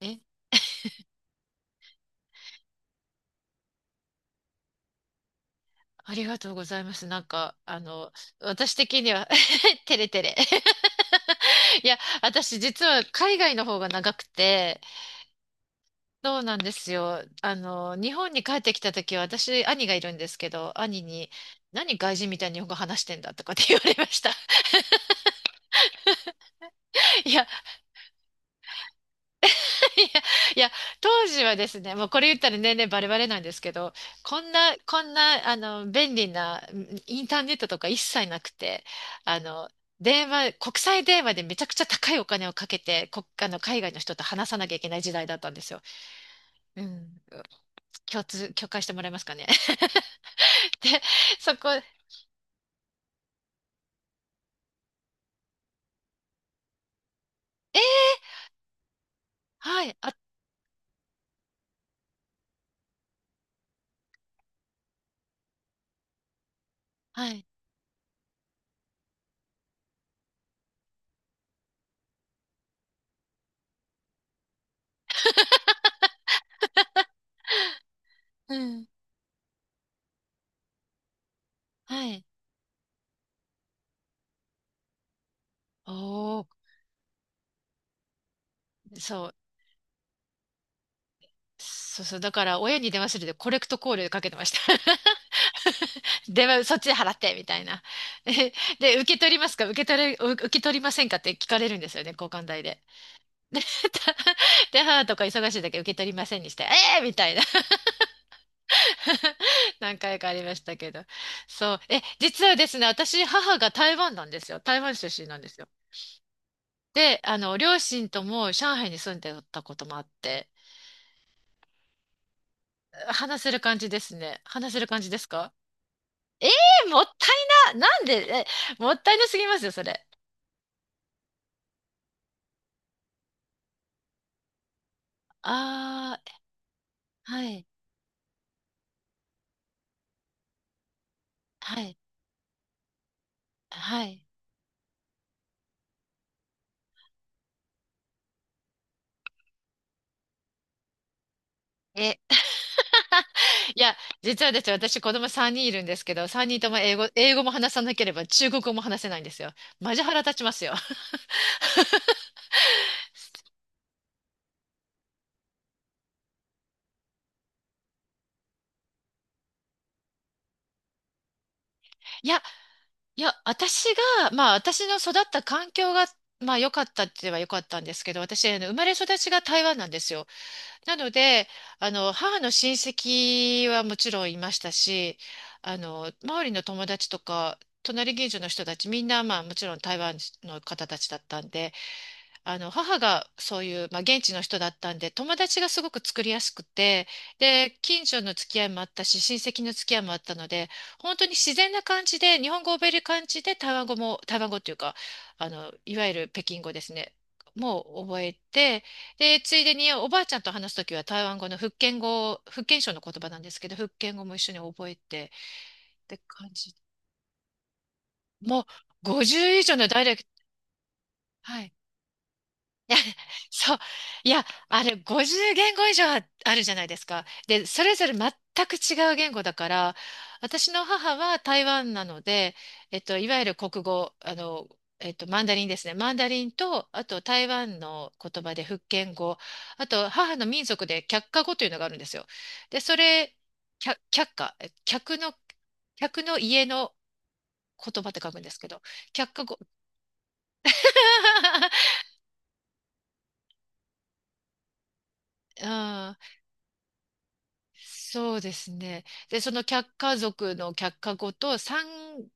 え、ありがとうございます。私的には テレテレ。いや、私実は海外の方が長くて、そうなんですよ。あの、日本に帰ってきた時は私、兄がいるんですけど、兄に、何外人みたいに日本語話してんだとかって言われました。いやいや、いや、当時はですね、もうこれ言ったら年々バレバレなんですけど、こんな、こんな、あの、便利な、インターネットとか一切なくて、あの、電話、国際電話でめちゃくちゃ高いお金をかけて、国あの、海外の人と話さなきゃいけない時代だったんですよ。うん。共感してもらえますかね。で、そこ、えー、はい、あ、はい、うん、はい。おー、そう、そうそう、だから親に電話するでコレクトコールかけてました。では、そっちで払って、みたいな。で、受け取りませんかって聞かれるんですよね、交換代で。で、たで母とか忙しい時受け取りませんにして、えー、みたいな 何回かありましたけど。そう。え、実はですね、私、母が台湾なんですよ。台湾出身なんですよ。で、あの、両親とも上海に住んでたこともあって、話せる感じですね。話せる感じですかええー、もったいな。なんで、え、もったいなすぎますよ、それ。あはい、はい、はい。え、いや、実はですね、私子供3人いるんですけど、3人とも英語も話さなければ中国語も話せないんですよ。マジ腹立ちますよ。いや、私がまあ私の育った環境が、まあ良かったって言えば良かったんですけど、私、あの生まれ育ちが台湾なんですよ。なので、あの、母の親戚はもちろんいましたし、あの、周りの友達とか、隣近所の人たちみんな、まあもちろん台湾の方たちだったんで、あの、母がそういう、まあ、現地の人だったんで、友達がすごく作りやすくて、で、近所の付き合いもあったし、親戚の付き合いもあったので、本当に自然な感じで、日本語を覚える感じで、台湾語というか、あの、いわゆる北京語ですね。もう覚えて、で、ついでにおばあちゃんと話すときは台湾語の福建語、福建省の言葉なんですけど、福建語も一緒に覚えてって感じ。もう50以上のダイレクト、はい。いや、そう。いや、あれ、50言語以上ああるじゃないですか。で、それぞれ全く違う言語だから、私の母は台湾なので、えっと、いわゆる国語、あの、えっと、マンダリンですね。マンダリンと、あと台湾の言葉で福建語、あと母の民族で客家語というのがあるんですよ。で、それ、客の、客の家の言葉って書くんですけど、客家語。うんそうですね。で、その客家族の客家語と3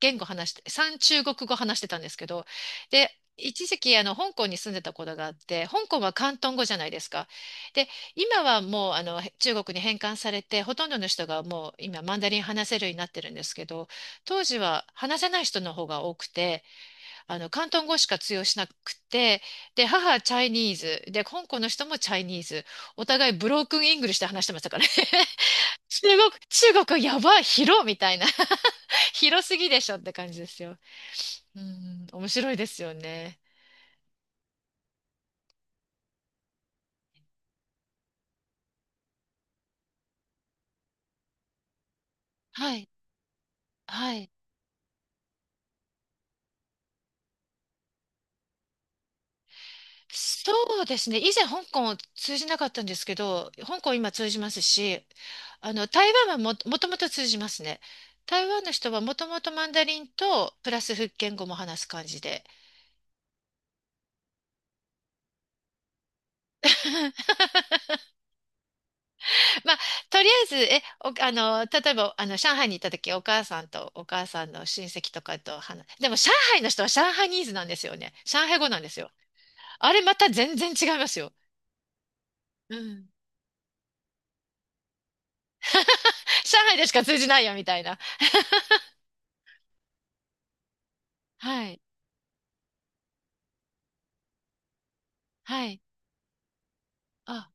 言語話して、3中国語話してたんですけど、で、一時期あの香港に住んでたことがあって、香港は広東語じゃないですか。で、今はもうあの中国に返還されて、ほとんどの人がもう今マンダリン話せるようになってるんですけど、当時は話せない人の方が多くて、あの広東語しか通用しなくて、で、母はチャイニーズ、で、香港の人もチャイニーズ、お互いブロークンイングリッシュで話してましたからね。中国やばい、広みたいな。広すぎでしょって感じですよ。うん、面白いですよね。はい、はい。そうですね。以前香港を通じなかったんですけど、香港今通じますし、あの、台湾はも、もともと通じますね。台湾の人はもともとマンダリンと、プラス福建語も話す感じで。まあ、とりあえず、え、お、あの、例えば、あの、上海に行った時、お母さんとお母さんの親戚とかと話、でも、上海の人は上海ニーズなんですよね。上海語なんですよ。あれ、また全然違いますよ。うん。上海でしか通じないよ、みたいな。はい。はい。あ、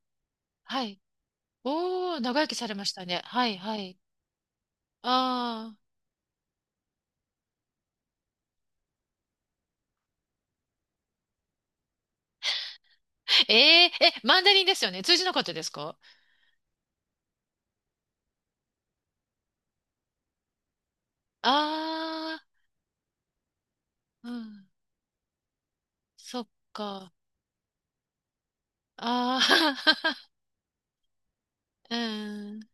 はい。おー、長生きされましたね。はい、はい。あー。え、ー、え、マンダリンですよね。通じなかったですかあー、うん。そっか。あー。うん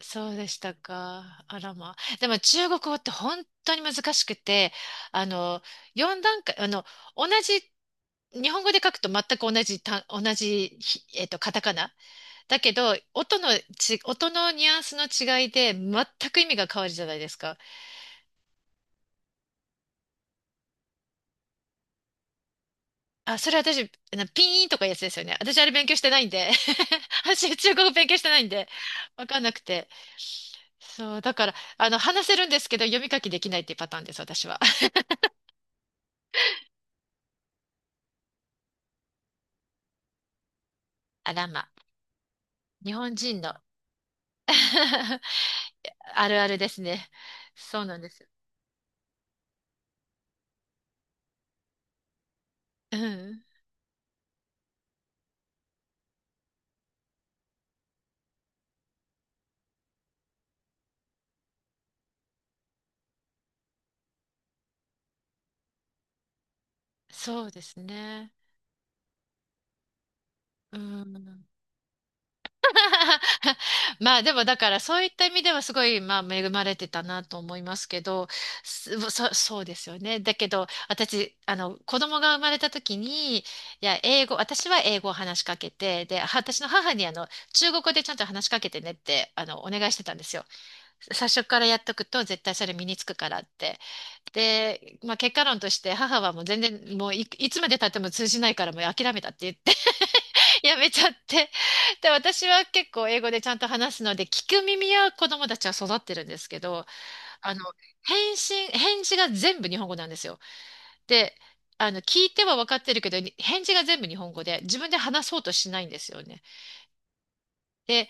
そうでしたか。あらまあ。でも中国語って本当に難しくて、あの、4段階、同じ、日本語で書くと全く同じ単、同じひ、えっと、カタカナ。だけど、音のニュアンスの違いで全く意味が変わるじゃないですか。あ、それ私、なピーンとかいうやつですよね。私あれ勉強してないんで。私中国語勉強してないんで、わかんなくて。そう、だから、あの、話せるんですけど、読み書きできないっていうパターンです、私は。あらま。日本人の あるあるですね。そうなんです。うん。そうですね。うん。まあでもだからそういった意味ではすごいまあ恵まれてたなと思いますけど、そうですよね。だけど私、あの子供が生まれた時に、私は英語を話しかけて、で、私の母にあの中国語でちゃんと話しかけてねってあのお願いしてたんですよ。最初からやっとくと絶対それ身につくからって。で、まあ、結果論として母はもう全然もうい、いつまで経っても通じないからもう諦めたって言って やめちゃって。で、私は結構英語でちゃんと話すので聞く耳は子供たちは育ってるんですけど、あの、返事が全部日本語なんですよ。で、あの、聞いては分かってるけど、返事が全部日本語で自分で話そうとしないんですよね。で、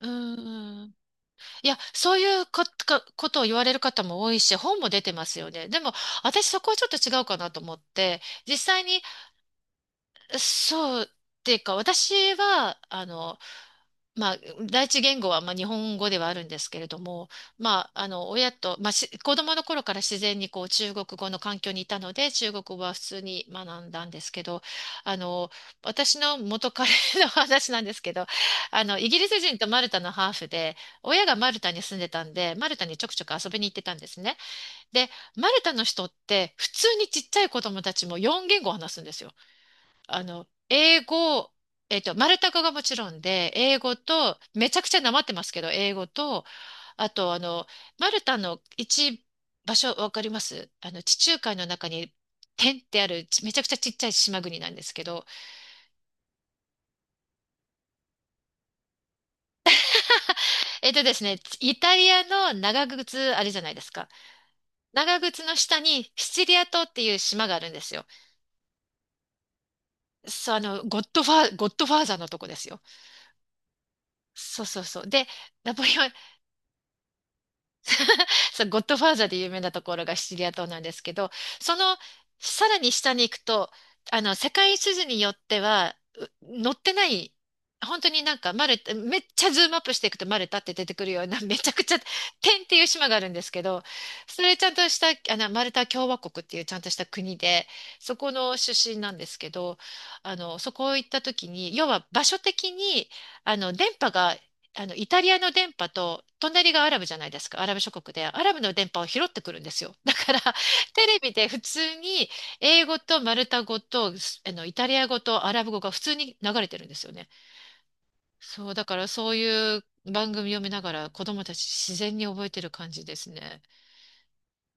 うーいや、そういうこ、かことを言われる方も多いし、本も出てますよね。でも、私そこはちょっと違うかなと思って、実際にそうっていうか、私は、あの、まあ、第一言語は、まあ、日本語ではあるんですけれども、まあ、あの、親と、まあ、し子供の頃から自然にこう中国語の環境にいたので、中国語は普通に学んだんですけど、あの、私の元彼の 話なんですけど、あの、イギリス人とマルタのハーフで、親がマルタに住んでたんで、マルタにちょくちょく遊びに行ってたんですね。で、マルタの人って、普通にちっちゃい子供たちも4言語話すんですよ。あの、英語、えっと、マルタ語がもちろんで、英語と、めちゃくちゃなまってますけど、英語と、あと、あの、マルタの一場所、わかりますあの、地中海の中に、点ってある、めちゃくちゃちっちゃい島国なんですけど、えっとですね、イタリアの長靴あれじゃないですか。長靴の下にシチリア島っていう島があるんですよ。そう、あの、ゴッドファーザーのとこですよ。そうそうそう。で、ナポレオンそう、ゴッドファーザーで有名なところがシチリア島なんですけど、そのさらに下に行くと、あの、世界地図によっては、載ってない、本当になんかマルタ、めっちゃズームアップしていくとマルタって出てくるような、めちゃくちゃ、点っていう島があるんですけど、それちゃんとした、あの、マルタ共和国っていうちゃんとした国で、そこの出身なんですけど、あの、そこ行った時に、要は場所的に、あの、電波があの、イタリアの電波と、隣がアラブじゃないですか、アラブ諸国で、アラブの電波を拾ってくるんですよ。だから、テレビで普通に、英語とマルタ語と、あの、イタリア語とアラブ語が普通に流れてるんですよね。そう、だからそういう番組を見ながら、子供たち自然に覚えてる感じですね。